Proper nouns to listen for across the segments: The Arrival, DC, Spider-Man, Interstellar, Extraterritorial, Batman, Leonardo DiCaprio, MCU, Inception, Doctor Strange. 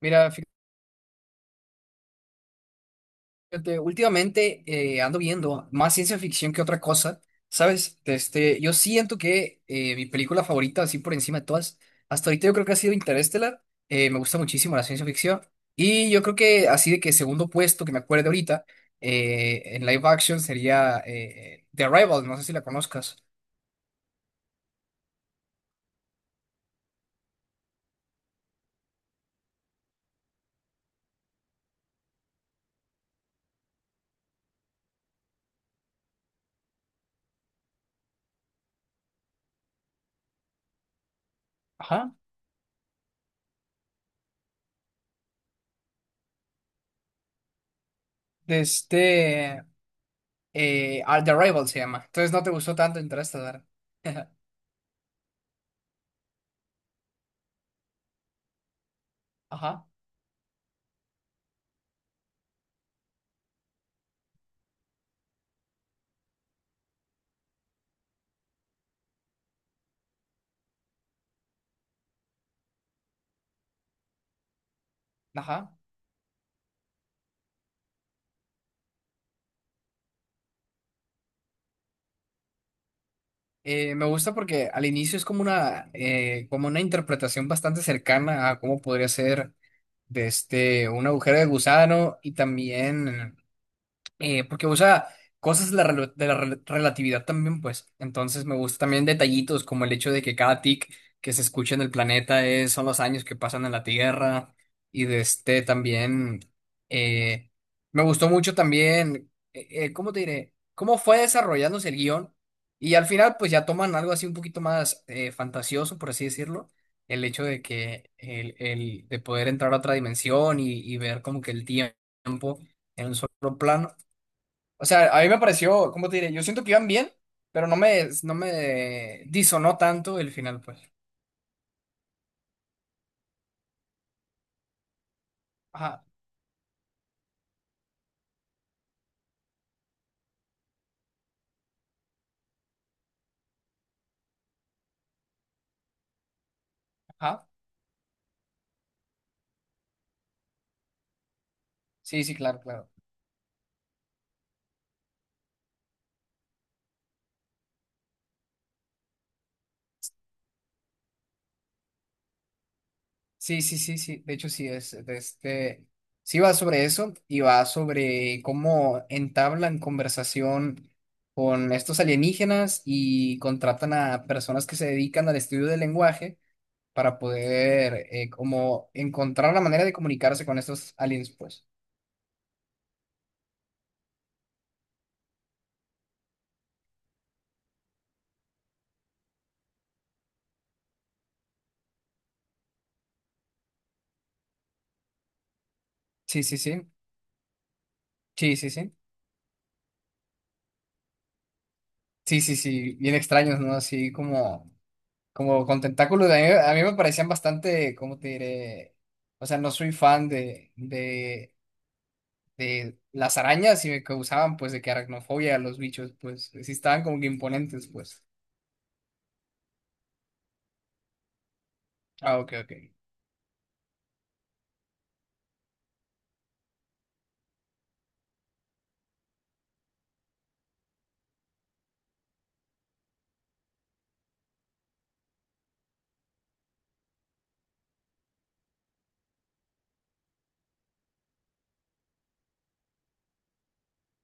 Mira, fíjate, últimamente ando viendo más ciencia ficción que otra cosa, ¿sabes? Este, yo siento que mi película favorita, así por encima de todas, hasta ahorita yo creo que ha sido Interstellar. Me gusta muchísimo la ciencia ficción. Y yo creo que así de que segundo puesto que me acuerdo ahorita en live action sería The Arrival, no sé si la conozcas. Ajá. De este, The Arrival se llama. Entonces no te gustó tanto Interstellar. Ajá, ajá. Me gusta porque al inicio es como una interpretación bastante cercana a cómo podría ser de este, un agujero de gusano y también porque usa cosas de la relatividad también, pues. Entonces me gustan también detallitos como el hecho de que cada tic que se escucha en el planeta son los años que pasan en la Tierra y de este también eh, me gustó mucho también, ¿cómo te diré? Cómo fue desarrollándose el guión y al final pues ya toman algo así un poquito más fantasioso, por así decirlo. El hecho de que el de poder entrar a otra dimensión y ver como que el tiempo en un solo plano. O sea, a mí me pareció, ¿cómo te diré? Yo siento que iban bien, pero no me disonó tanto el final, pues. Ajá, ajá. Sí, sí, claro, claro. Sí, sí, sí, sí. De hecho, sí, es de este. Sí va sobre eso y va sobre cómo entablan conversación con estos alienígenas y contratan a personas que se dedican al estudio del lenguaje para poder como encontrar la manera de comunicarse con estos aliens, pues. Sí, sí, sí. Sí, sí, sí. Sí, sí, sí, bien extraños, ¿no? Así como con tentáculos. A mí me parecían bastante, ¿cómo te diré? O sea, no soy fan de las arañas y me causaban, pues, de que aracnofobia a los bichos, pues, sí estaban como que imponentes, pues. Ah, ok, ok.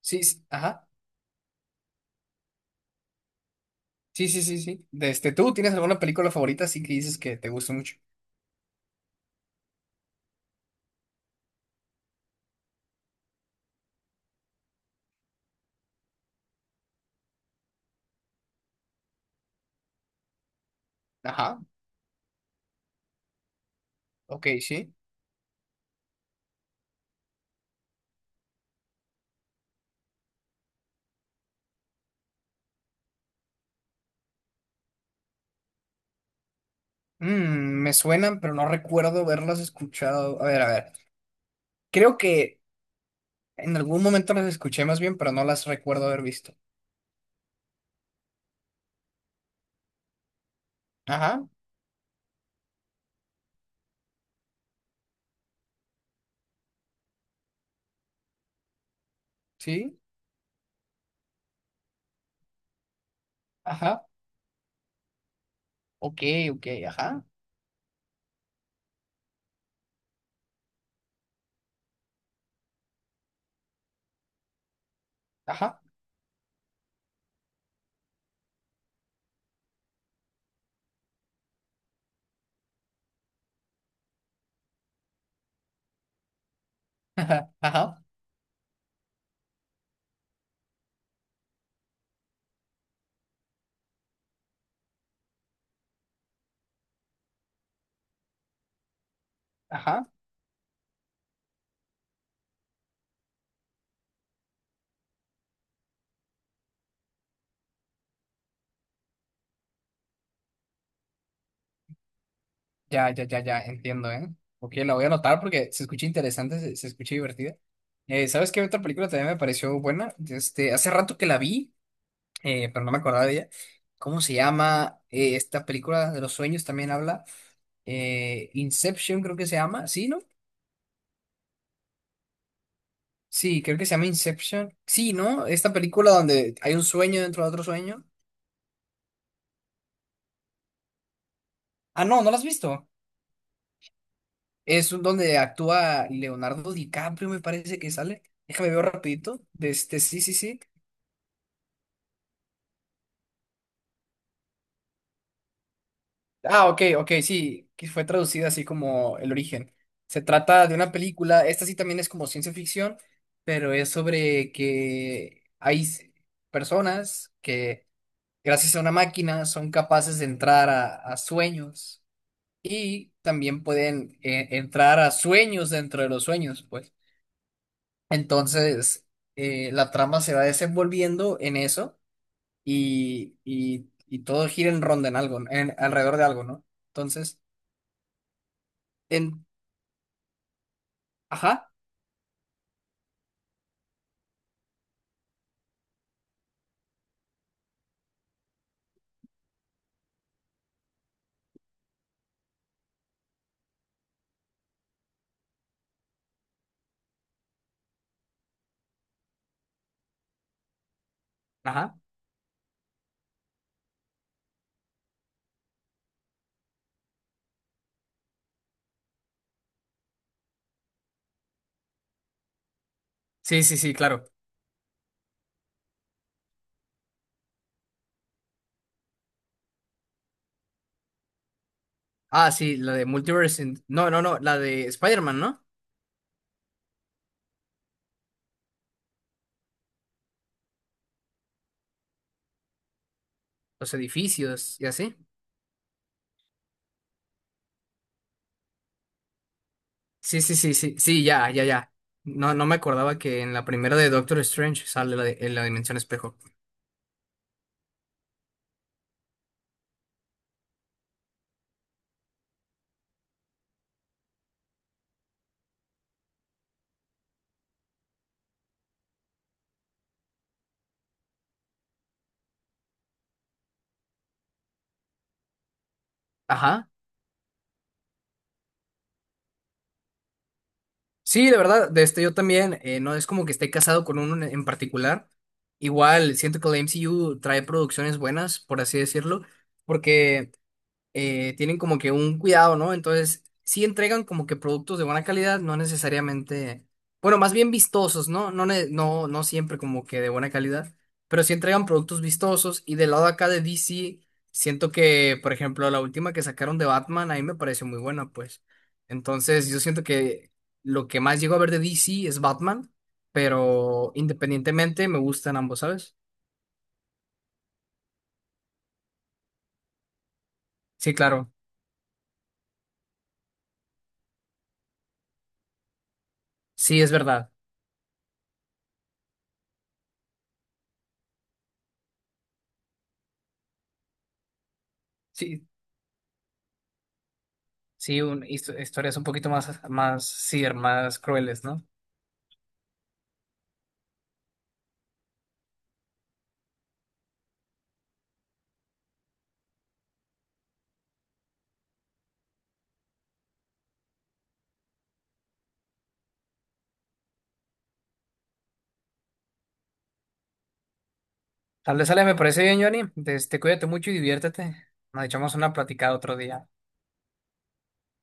Sí, sí, ajá. Sí, sí, sí, sí. De este, ¿tú tienes alguna película favorita así que dices que te gusta mucho? Ajá, ok, sí. Mm, me suenan, pero no recuerdo haberlas escuchado. A ver, a ver. Creo que. En algún momento las escuché más bien, pero no las recuerdo haber visto. Ajá, sí, ajá, ok, ok, ajá, ajá, ajá, ajá, ajá. Ya, ya, ya, ya, entiendo, ¿eh? Ok, la voy a anotar porque se escucha interesante, se escucha divertida. ¿Sabes qué otra película también me pareció buena? Este, hace rato que la vi, pero no me acordaba de ella. ¿Cómo se llama? Esta película de los sueños también habla. Inception creo que se llama, ¿sí, no? Sí, creo que se llama Inception. Sí, ¿no? Esta película donde hay un sueño dentro de otro sueño. Ah, no, ¿no la has visto? Es donde actúa Leonardo DiCaprio, me parece que sale. Déjame ver rapidito. De este, sí, sí, sí. Ah, ok, ok, sí, que fue traducida así como El origen. Se trata de una película, esta sí también es como ciencia ficción, pero es sobre que hay personas que gracias a una máquina son capaces de entrar a sueños y también pueden entrar a sueños dentro de los sueños, pues. Entonces, la trama se va desenvolviendo en eso y todo gira en ronda en algo, alrededor de algo, ¿no? Entonces, en... Ajá, ajá. Sí, sí, sí, claro. Ah, sí, la de Multiverse. No, no, no, la de Spider-Man, ¿no? Los edificios y así. Sí, sí, sí, sí, sí, ya, ya, ya. No, no me acordaba que en la primera de Doctor Strange sale en la dimensión espejo. Ajá. Sí, de verdad, de este yo también, no es como que esté casado con uno en particular. Igual, siento que la MCU trae producciones buenas, por así decirlo, porque tienen como que un cuidado, ¿no? Entonces, sí entregan como que productos de buena calidad, no necesariamente, bueno, más bien vistosos, ¿no? No, no siempre como que de buena calidad, pero sí entregan productos vistosos y del lado acá de DC, siento que, por ejemplo, la última que sacaron de Batman, a mí me pareció muy buena, pues. Entonces, yo siento que lo que más llego a ver de DC es Batman, pero independientemente me gustan ambos, ¿sabes? Sí, claro, sí, es verdad. Sí, sí, historias un poquito más, sí, más crueles, ¿no? Tal vez, Ale, me parece bien, Johnny. Este, cuídate mucho y diviértete. Nos echamos una platicada otro día.